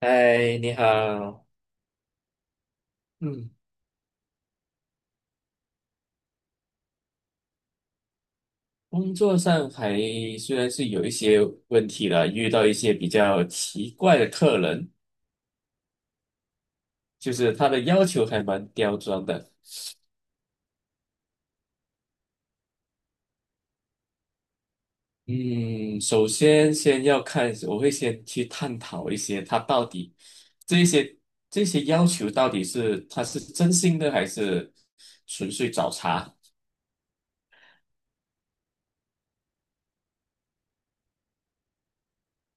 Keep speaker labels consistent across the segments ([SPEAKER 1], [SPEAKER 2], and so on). [SPEAKER 1] 嗨，你好。嗯，工作上还虽然是有一些问题了，遇到一些比较奇怪的客人，就是他的要求还蛮刁钻的。嗯，首先先要看，我会先去探讨一些他到底这些这些要求到底是他是真心的还是纯粹找茬。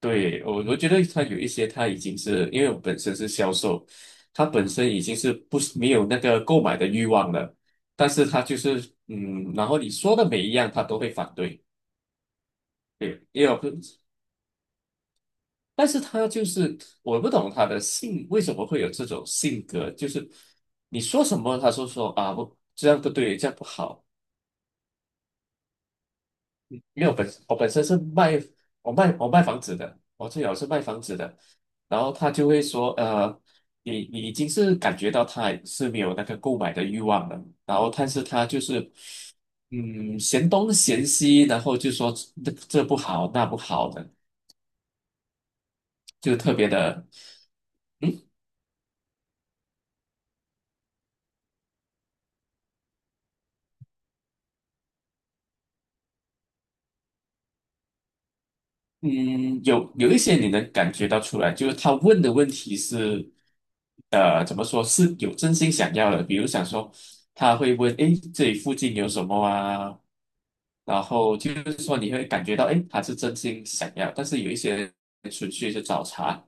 [SPEAKER 1] 对，我觉得他有一些，他已经是因为我本身是销售，他本身已经是不是没有那个购买的欲望了，但是他就是嗯，然后你说的每一样他都会反对。对，也有，但是他就是我不懂他的性为什么会有这种性格，就是你说什么他说说啊不，这样不对，这样不好。因为我本身是卖我卖房子的，我最早是卖房子的。然后他就会说，你已经是感觉到他是没有那个购买的欲望了，然后但是他就是嗯，嫌东嫌西，然后就说这不好那不好的，就特别的。嗯。嗯，有一些你能感觉到出来，就是他问的问题是，怎么说是有真心想要的。比如想说，他会问，诶，这里附近有什么啊？然后就是说你会感觉到，诶，他是真心想要。但是有一些人纯粹是找茬，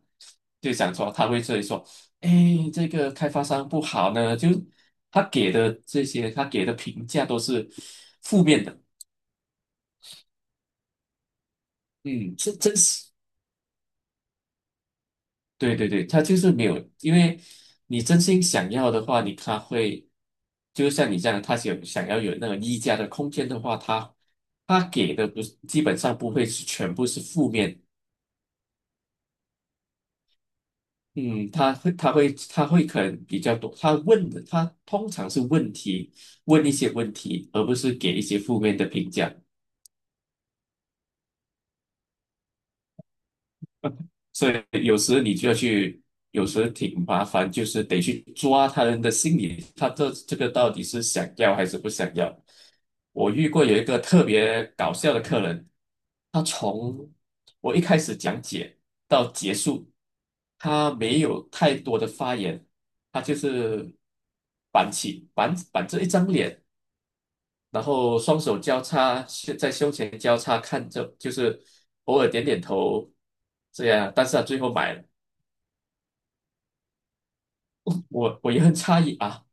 [SPEAKER 1] 就想说他会这里说，诶，这个开发商不好呢，就他给的这些，他给的评价都是负面的。嗯，是真实。对对对，他就是没有，因为你真心想要的话，你他会，就像你这样，他想想要有那个溢价的空间的话，他他给的不是基本上不会是全部是负面。嗯，他会可能比较多，他问的他通常是问题，问一些问题，而不是给一些负面的评价。所以有时你就要去，有时挺麻烦，就是得去抓他人的心理，他这个到底是想要还是不想要。我遇过有一个特别搞笑的客人，他从我一开始讲解到结束，他没有太多的发言，他就是板起板板着一张脸，然后双手交叉胸在胸前交叉看着，就是偶尔点点头这样，但是他最后买了。我也很诧异啊。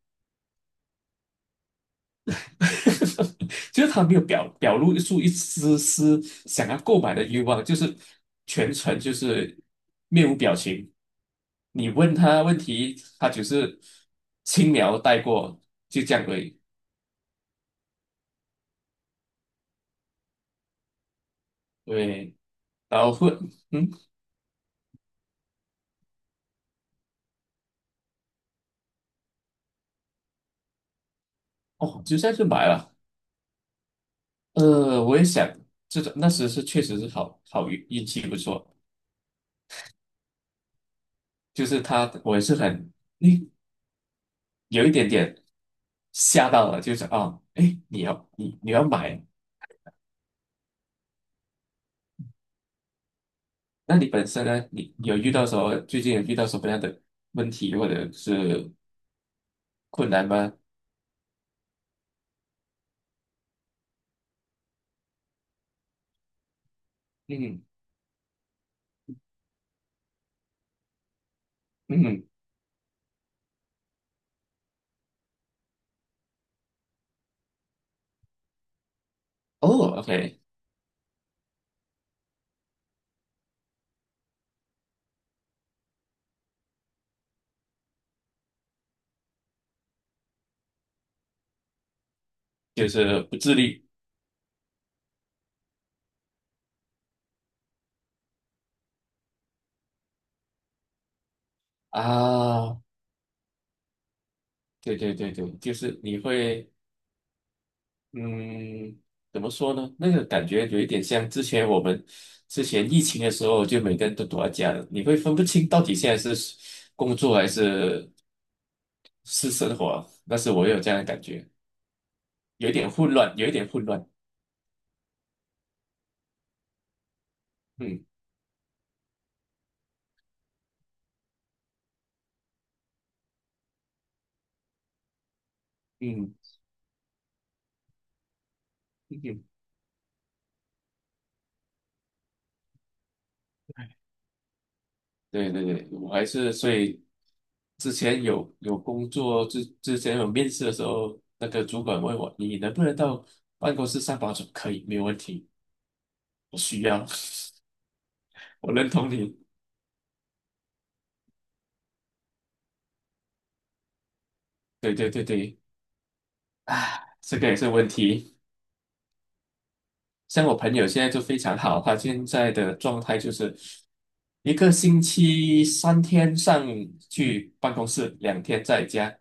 [SPEAKER 1] 就是他没有表露出一丝丝想要购买的欲望，就是全程就是面无表情。你问他问题，他只是轻描带过，就这样而已。对，然后会嗯，哦，就这样就买了。我也想这种那时是确实是好，好运气不错，就是他我也是很，诶，有一点点吓到了，就是啊，哎，你要，你要买。那你本身呢，你有遇到什么，最近有遇到什么样的问题或者是困难吗？嗯。嗯。哦，OK,就是不自律啊。对对对对，就是你会嗯，怎么说呢？那个感觉有一点像之前我们之前疫情的时候，就每个人都躲在家了，你会分不清到底现在是工作还是是生活。但是我有这样的感觉，有一点混乱，有一点混乱。嗯。嗯。嗯。对对对，我还是所以之前有工作之前有面试的时候，那个主管问我你能不能到办公室上班？我说可以，没有问题，我需要。我认同你。对对对对。啊，这个也是问题。像我朋友现在就非常好，他现在的状态就是一个星期三天上去办公室，两天在家。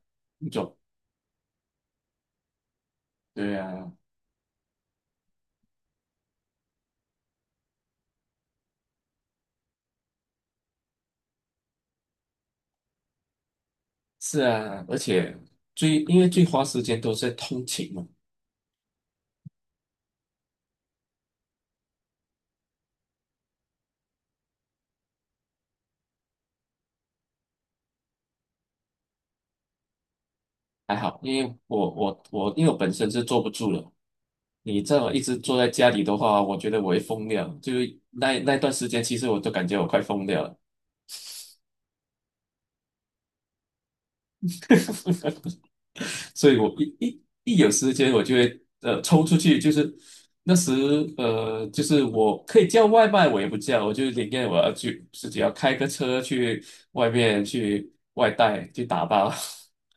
[SPEAKER 1] 对啊。是啊，而且最因为最花时间都是在通勤嘛。还好，因为我因为我本身是坐不住了。你这么一直坐在家里的话，我觉得我会疯掉。就是那那段时间，其实我都感觉我快疯掉了。所以我一有时间，我就会抽出去，就是那时就是我可以叫外卖，我也不叫，我就宁愿我要去自己要开个车去外面去外带去打包。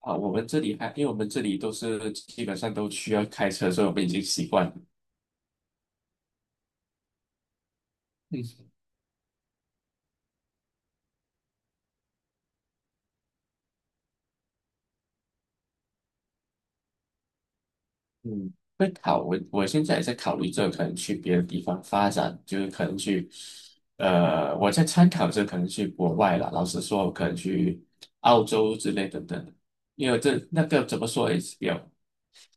[SPEAKER 1] 啊。我们这里还因为我们这里都是基本上都需要开车，所以我们已经习惯了。嗯，我现在也在考虑这个可能去别的地方发展，就是可能去，我在参考着可能去国外了。老实说，我可能去澳洲之类等等，因为这那个怎么说也是比较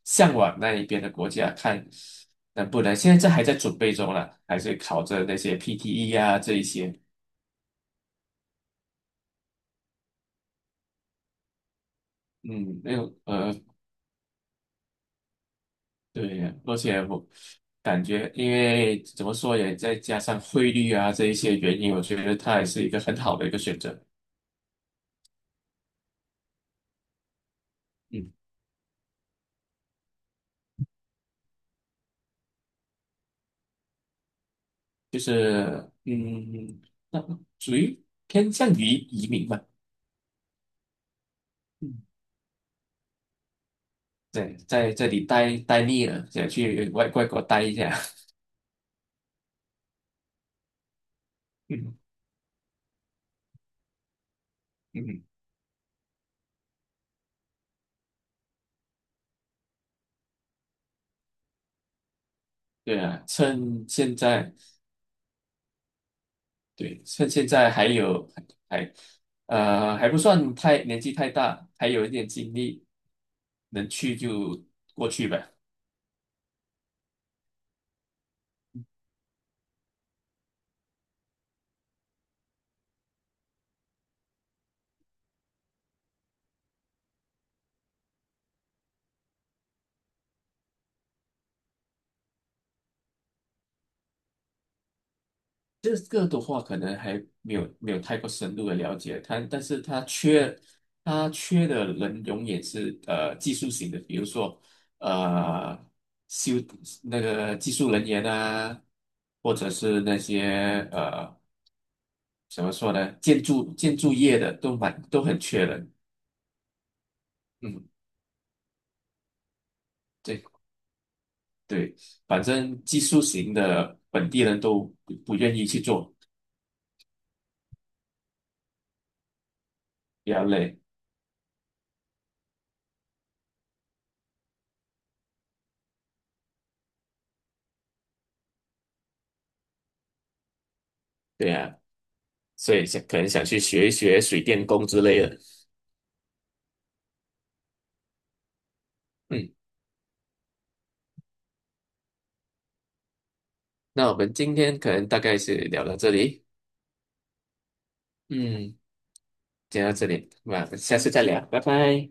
[SPEAKER 1] 向往那一边的国家，看能不能。现在这还在准备中了，还是考着那些 PTE 啊这一些。嗯，没有，对，呀，而且我感觉，因为怎么说也再加上汇率啊这一些原因，我觉得它也是一个很好的一个选择。嗯，就是嗯，那属于偏向于移民嘛。嗯，对，在这里待腻了，想去外国待一下。嗯。嗯，对啊，趁现在，对，趁现在还有还还不算太年纪太大，还有一点精力，能去就过去吧。这个的话，可能还没有太过深入的了解它，但是它缺的人永远是技术型的，比如说呃修那个技术人员啊，或者是那些怎么说呢，建筑业的都蛮都很缺人。嗯，对对，反正技术型的本地人都不愿意去做，比较累。对啊，所以想可能想去学一学水电工之类的。嗯。那我们今天可能大概是聊到这里，嗯，讲到这里，那下次再聊，拜拜。